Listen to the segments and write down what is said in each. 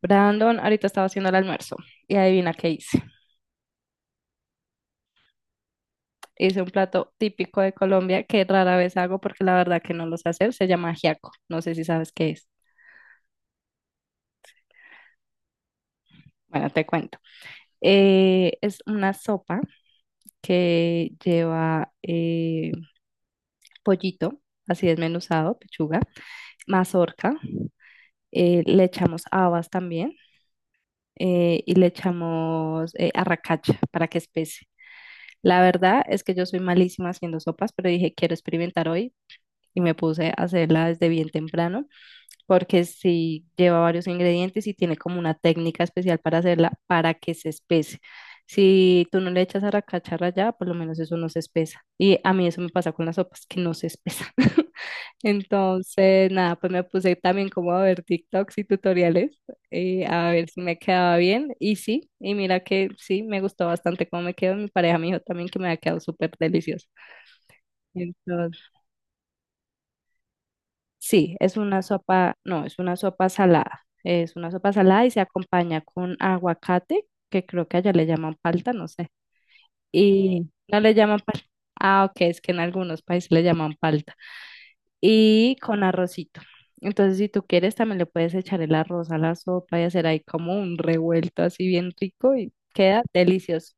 Brandon, ahorita estaba haciendo el almuerzo y adivina qué hice. Hice un plato típico de Colombia que rara vez hago porque la verdad que no lo sé hacer. Se llama ajiaco. No sé si sabes qué es. Bueno, te cuento. Es una sopa que lleva pollito, así desmenuzado, pechuga, mazorca. Le echamos habas también, y le echamos arracacha para que espese. La verdad es que yo soy malísima haciendo sopas, pero dije, quiero experimentar hoy y me puse a hacerla desde bien temprano porque sí lleva varios ingredientes y tiene como una técnica especial para hacerla para que se espese. Si tú no le echas a la cacharra ya, por lo menos eso no se espesa. Y a mí eso me pasa con las sopas, que no se espesa. Entonces, nada, pues me puse también como a ver TikToks y tutoriales, a ver si me quedaba bien. Y sí, y mira que sí, me gustó bastante cómo me quedó. Mi pareja me dijo también que me ha quedado súper delicioso. Entonces, sí, es una sopa, no, es una sopa salada. Es una sopa salada y se acompaña con aguacate, que creo que allá le llaman palta, no sé. Y no le llaman palta. Ah, ok, es que en algunos países le llaman palta. Y con arrocito. Entonces, si tú quieres, también le puedes echar el arroz a la sopa y hacer ahí como un revuelto así bien rico y queda delicioso.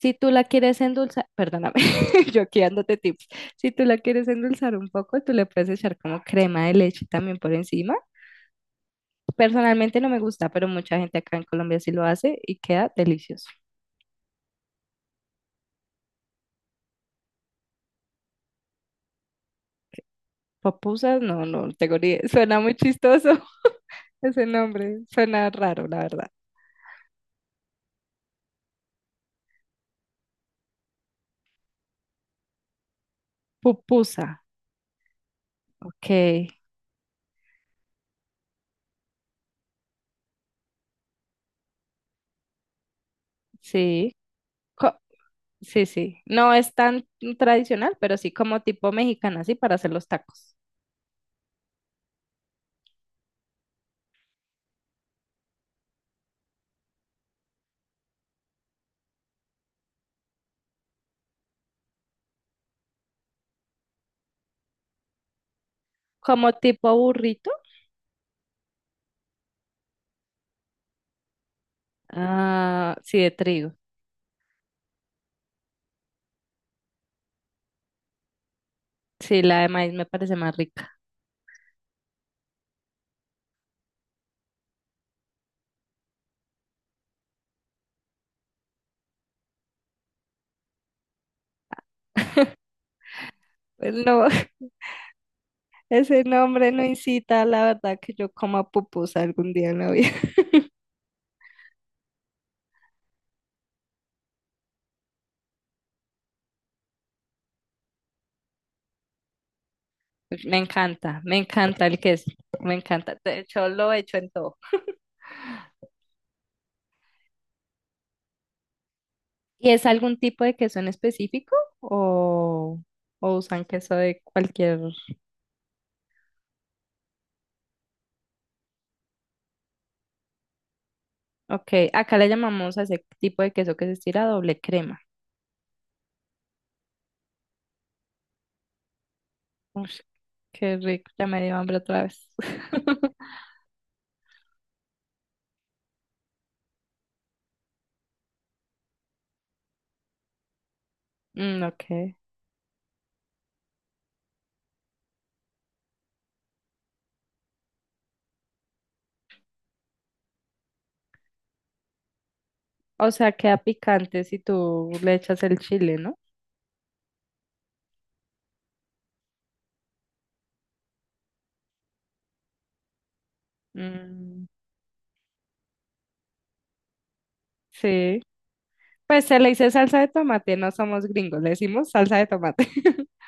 Si tú la quieres endulzar, perdóname, yo aquí dándote tips. Si tú la quieres endulzar un poco, tú le puedes echar como crema de leche también por encima. Personalmente no me gusta, pero mucha gente acá en Colombia sí lo hace y queda delicioso. Pupusas, no, no tengo ni... Suena muy chistoso. Ese nombre, suena raro, la verdad. Pupusa, ok, sí. Co- sí, sí. No es tan tradicional, pero sí como tipo mexicana, sí, para hacer los tacos. Como tipo burrito, ah, sí, de trigo. Sí, la de maíz me parece más rica. Pues no, ese nombre no incita, la verdad, que yo coma pupusa algún día en la vida. Me encanta el queso, me encanta. De hecho, lo he hecho en todo. ¿Y es algún tipo de queso en específico o, o usan queso de cualquier? Ok, acá le llamamos a ese tipo de queso que se estira doble crema. Uf, qué rico, ya me dio hambre otra vez. Mm, ok, o sea, queda picante si tú le echas el chile, ¿no? Mm, sí, pues se le dice salsa de tomate, no somos gringos, le decimos salsa de tomate.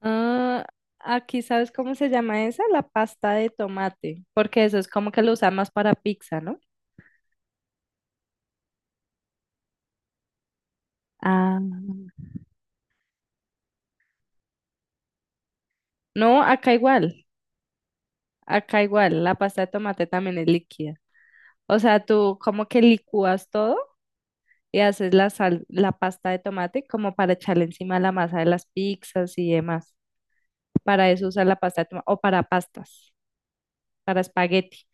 Ah, aquí, ¿sabes cómo se llama esa? La pasta de tomate, porque eso es como que lo usan más para pizza, ¿no? Ah, no, acá igual, la pasta de tomate también es líquida. O sea, tú como que licúas todo y haces la sal, la pasta de tomate como para echarle encima la masa de las pizzas y demás. Para eso usas la pasta de tomate o para pastas, para espagueti.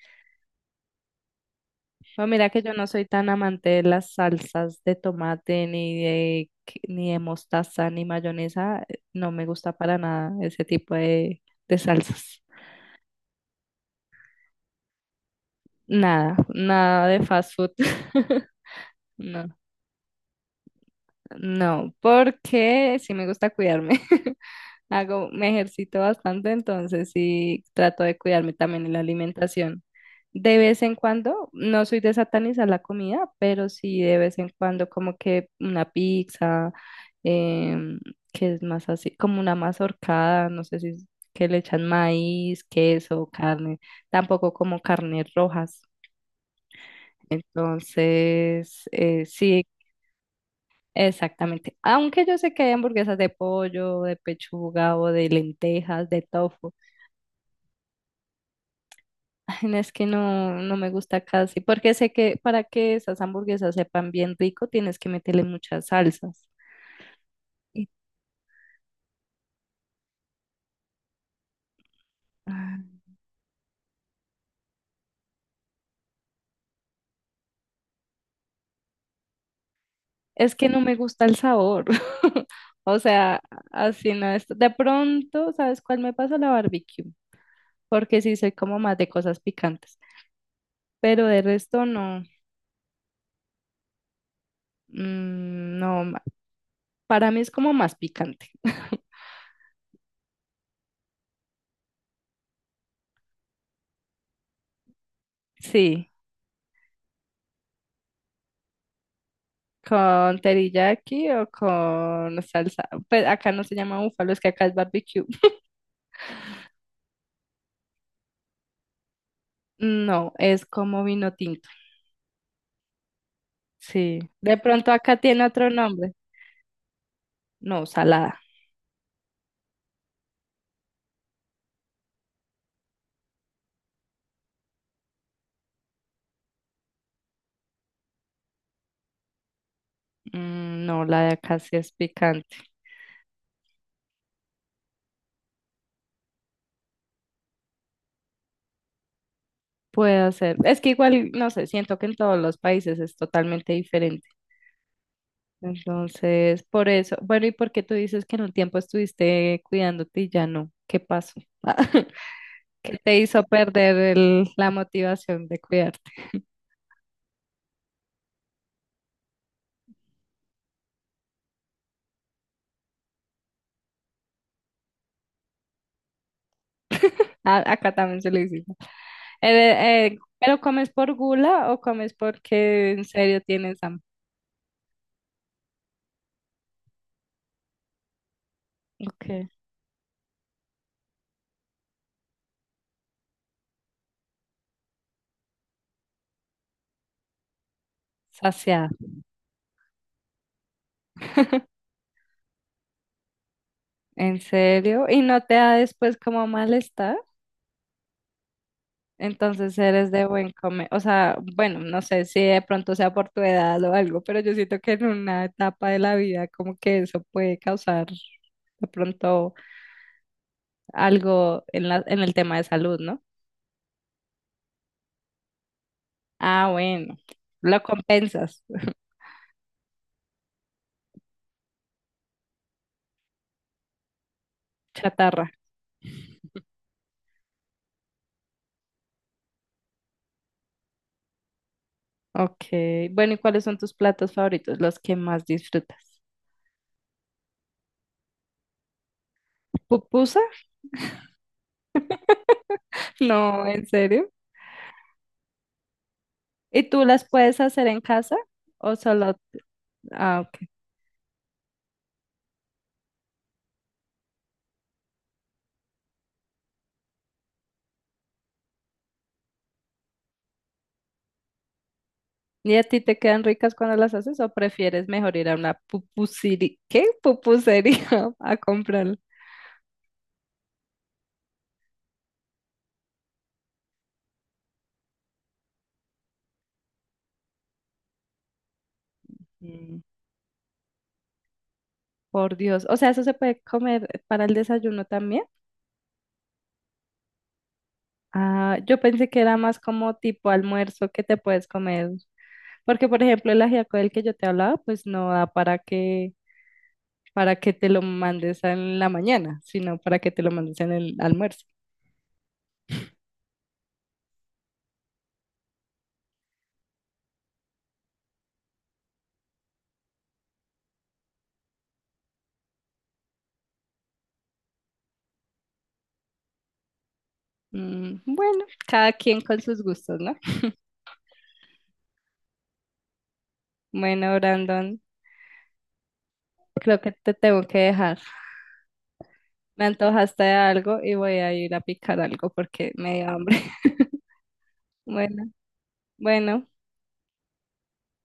Pues mira que yo no soy tan amante de las salsas de tomate, ni de, ni de mostaza, ni mayonesa. No me gusta para nada ese tipo de salsas. Nada, nada de fast food. No, no, porque sí me gusta cuidarme. Hago, me ejercito bastante, entonces sí trato de cuidarme también en la alimentación. De vez en cuando, no soy de satanizar la comida, pero sí de vez en cuando como que una pizza, em, que es más así, como una mazorcada, no sé si es que le echan maíz, queso, carne, tampoco como carnes rojas. Entonces, sí, exactamente. Aunque yo sé que hay hamburguesas de pollo, de pechuga o de lentejas, de tofu. Ay, no, es que no, no me gusta casi, porque sé que para que esas hamburguesas sepan bien rico, tienes que meterle muchas salsas. Y, ah, es que no me gusta el sabor. O sea, así no es. De pronto, ¿sabes cuál me pasa? La barbecue, porque sí soy como más de cosas picantes, pero de resto no. Mm, no, para mí es como más picante. Sí. ¿Con teriyaki o con salsa? Pues acá no se llama búfalo, es que acá es barbecue. Mm, no, es como vino tinto. Sí. De pronto acá tiene otro nombre. No, salada. Mm, no, la de acá sí es picante. Puede ser. Es que igual, no sé, siento que en todos los países es totalmente diferente. Entonces, por eso. Bueno, ¿y por qué tú dices que en un tiempo estuviste cuidándote y ya no? ¿Qué pasó? ¿Qué te hizo perder la motivación de cuidarte? A- acá también se le dice. ¿Pero comes por gula o comes porque en serio tienes hambre? Ok, saciada. ¿En serio? ¿Y no te da después como malestar? Entonces eres de buen comer. O sea, bueno, no sé si de pronto sea por tu edad o algo, pero yo siento que en una etapa de la vida como que eso puede causar de pronto algo en la, en el tema de salud, ¿no? Ah, bueno, lo compensas, chatarra. Ok, bueno, ¿y cuáles son tus platos favoritos, los que más disfrutas? ¿Pupusa? No, ¿en serio? ¿Y tú las puedes hacer en casa o solo? Ah, ok. ¿Y a ti te quedan ricas cuando las haces o prefieres mejor ir a una pupusería? ¿Qué? Pupusería a comprarlo. Mm, por Dios, o sea, ¿eso se puede comer para el desayuno también? Ah, yo pensé que era más como tipo almuerzo que te puedes comer, porque por ejemplo el ajiaco del que yo te hablaba, pues no da para que te lo mandes en la mañana, sino para que te lo mandes en el almuerzo. Mm, bueno, cada quien con sus gustos, ¿no? Bueno, Brandon, creo que te tengo que dejar. Me antojaste de algo y voy a ir a picar algo porque me dio hambre. Bueno, bueno,